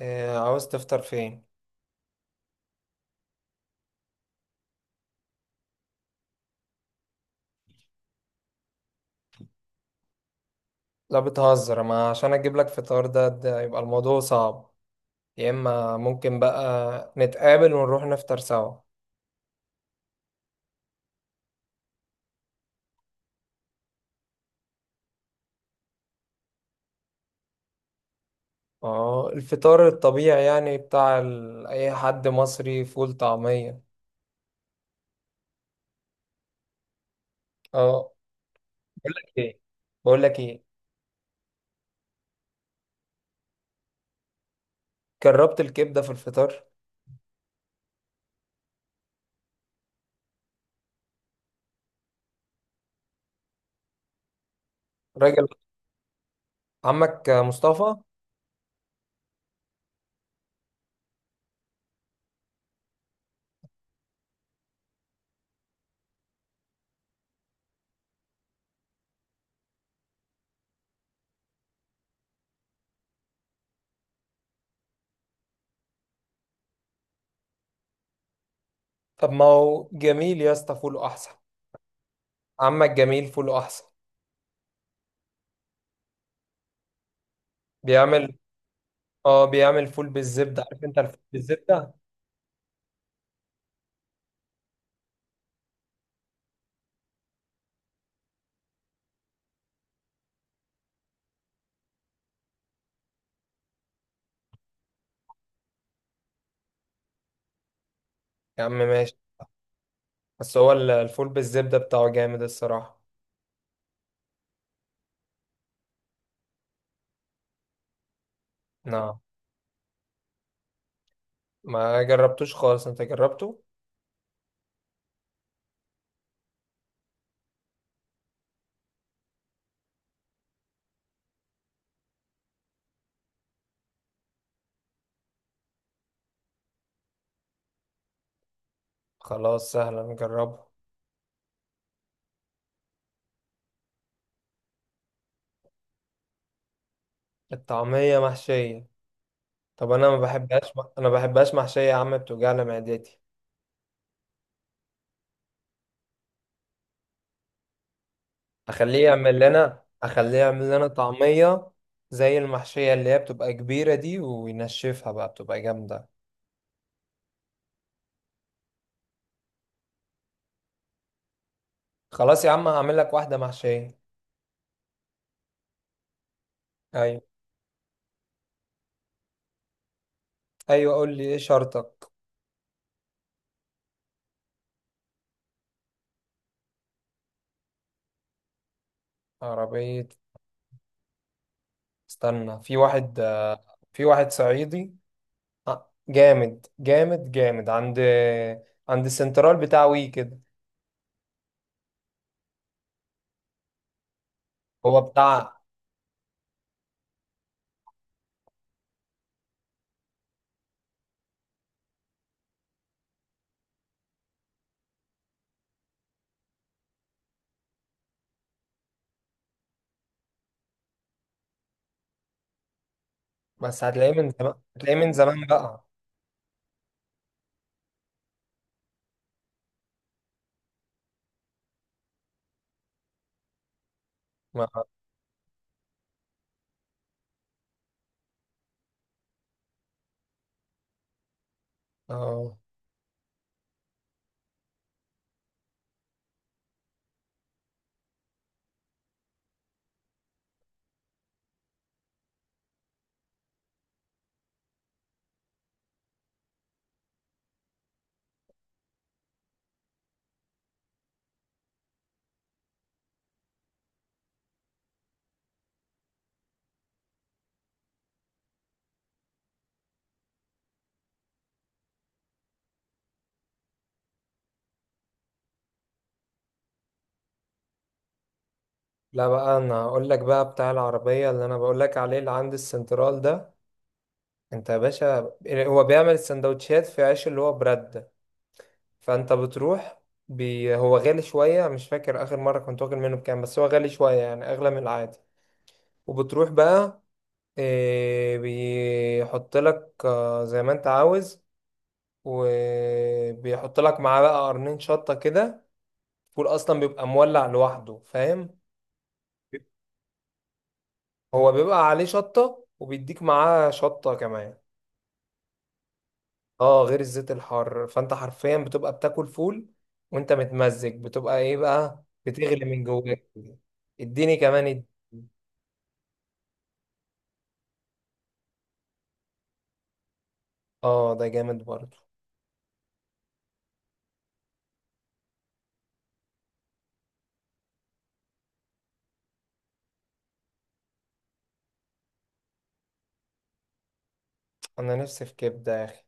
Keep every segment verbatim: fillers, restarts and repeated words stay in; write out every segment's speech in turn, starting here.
إيه عاوز تفطر فين؟ لا بتهزر، ما عشان اجيب لك فطار ده, ده يبقى الموضوع صعب. يا اما ممكن بقى نتقابل ونروح نفطر سوا. اه، الفطار الطبيعي يعني بتاع ال... اي حد مصري فول طعمية. اه. بقول لك ايه بقول لك ايه، جربت الكبدة في الفطار؟ راجل، عمك مصطفى. طب ما هو جميل يا اسطى فوله احسن. عمك جميل فوله احسن، بيعمل. اه بيعمل فول بالزبدة، عارف انت الفول بالزبدة. يا عم ماشي. بس هو ال- الفول بالزبدة بتاعه جامد الصراحة. نعم؟ ما جربتوش خالص، انت جربته؟ خلاص، سهلا نجربه. الطعمية محشية؟ طب انا ما بحبهاش. انا ما بحبهاش محشية يا عم، بتوجعلي معدتي. اخليه يعمل لنا اخليه يعمل لنا طعمية، زي المحشية اللي هي بتبقى كبيرة دي وينشفها بقى بتبقى جامدة. خلاص يا عم، هعمل لك واحدة محشية. ايوه. ايوه، قول لي ايه شرطك. عربية؟ استنى، في واحد. في واحد صعيدي، آه، جامد جامد جامد، عند عند السنترال بتاع وي كده. هو بتاع. بس هتلاقيه من زمان، هتلاقيه من زمان بقى. ما... آه. لا بقى انا هقول لك بقى بتاع العربية اللي انا بقول لك عليه، اللي عند السنترال ده. انت يا باشا، إيه، هو بيعمل السندوتشات في عيش اللي هو برد ده. فانت بتروح. بي... هو غالي شوية، مش فاكر اخر مرة كنت واكل منه بكام، بس هو غالي شوية يعني، اغلى من العادي. وبتروح بقى، إيه بيحط لك آه، زي ما انت عاوز، وبيحط لك معاه بقى قرنين شطة كده. فول أصلا بيبقى مولع لوحده، فاهم؟ هو بيبقى عليه شطة وبيديك معاه شطة كمان. اه غير الزيت الحار. فانت حرفيا بتبقى بتاكل فول وانت متمزج، بتبقى ايه بقى، بتغلي من جواك. اديني كمان اد- اه ده جامد برضو. انا نفسي في كبدة يا اخي.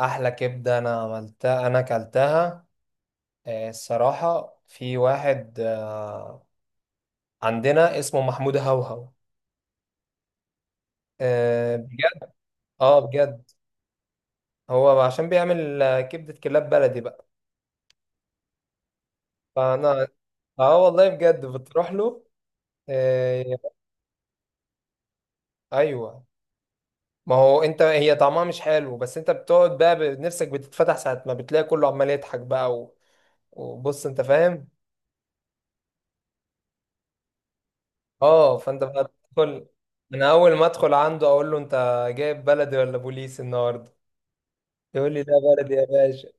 احلى كبدة انا عملتها انا اكلتها. آه، الصراحة في واحد آه، عندنا اسمه محمود هوهو. آه، اه بجد. هو عشان بيعمل آه، كبدة كلاب بلدي بقى. فانا، اه والله بجد بتروح له. آه... ايوه. ما هو انت، هي طعمها مش حلو، بس انت بتقعد بقى ب- نفسك بتتفتح ساعة ما بتلاقي كله عمال يضحك بقى و... وبص انت فاهم. اه، فانت بقى بتدخل. انا اول ما ادخل عنده اقول له: انت جايب بلدي ولا بوليس النهارده؟ يقول لي: لا بلدي يا باشا.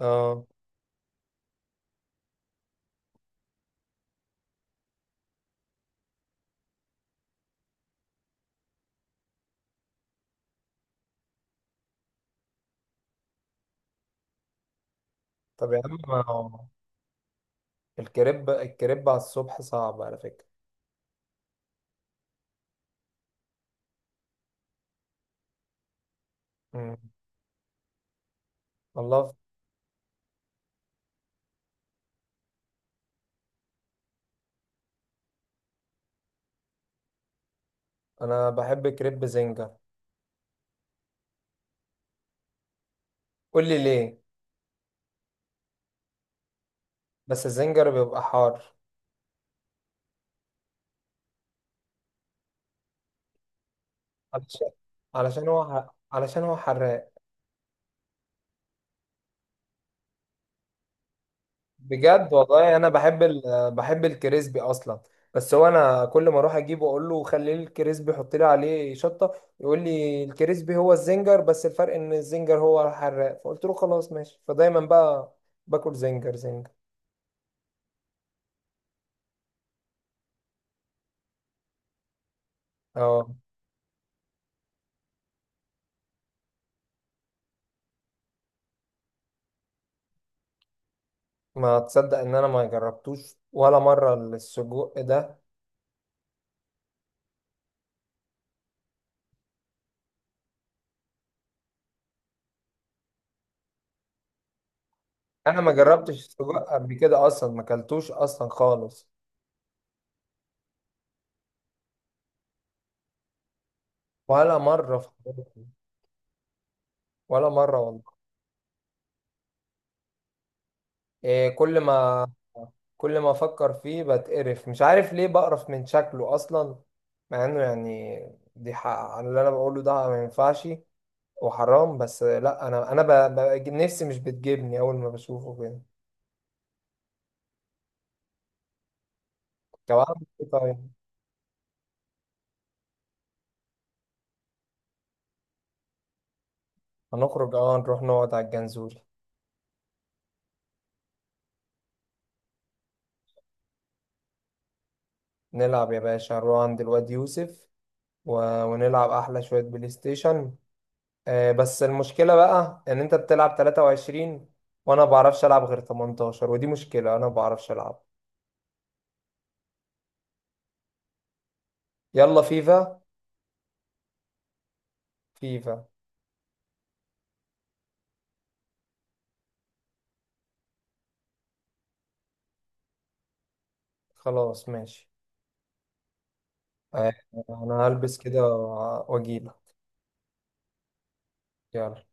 اه. طب يا عم، ما هو الكريب الكريب على الصبح صعب على فكرة. مم. والله. انا بحب كريب زنجر. قول لي ليه؟ بس الزنجر بيبقى حار. علشان علشان هو ح- علشان هو حراق. بجد والله، انا بحب ال... بحب الكريسبي اصلا. بس هو انا كل ما اروح اجيبه اقول له: خلي لي الكريسبي، حط لي عليه شطه. يقول لي: الكريسبي هو الزنجر، بس الفرق ان الزنجر هو الحراق. فقلت له خلاص ماشي، فدايما بقى باكل زنجر. زنجر. اه. ما تصدق ان انا ما جربتوش ولا مره السجق ده. انا ما جربتش السجق قبل كده اصلا، ما اكلتوش اصلا خالص. ولا مره في حياتي. ولا مره والله. إيه كل ما كل ما افكر فيه بتقرف، مش عارف ليه بقرف من شكله اصلا، مع انه يعني، دي حق على اللي انا بقوله ده، ما ينفعش وحرام. بس لا، انا انا ب... ب... نفسي مش بتجيبني اول ما بشوفه كده. طب أعمل إيه طيب؟ هنخرج، اه، نروح نقعد على الجنزول، نلعب يا باشا، نروح عند الواد يوسف و... ونلعب احلى شويه بلاي ستيشن. آه، بس المشكلة بقى ان انت بتلعب تلاتة وعشرين وانا ما بعرفش العب غير تمنتاشر، ودي مشكلة انا ما بعرفش العب. يلا فيفا. فيفا. خلاص ماشي. آه، انا هلبس كده واجيلك. يلا.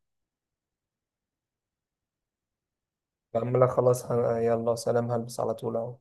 بعملها خلاص هن- يلا سلام، هلبس على طول اهو.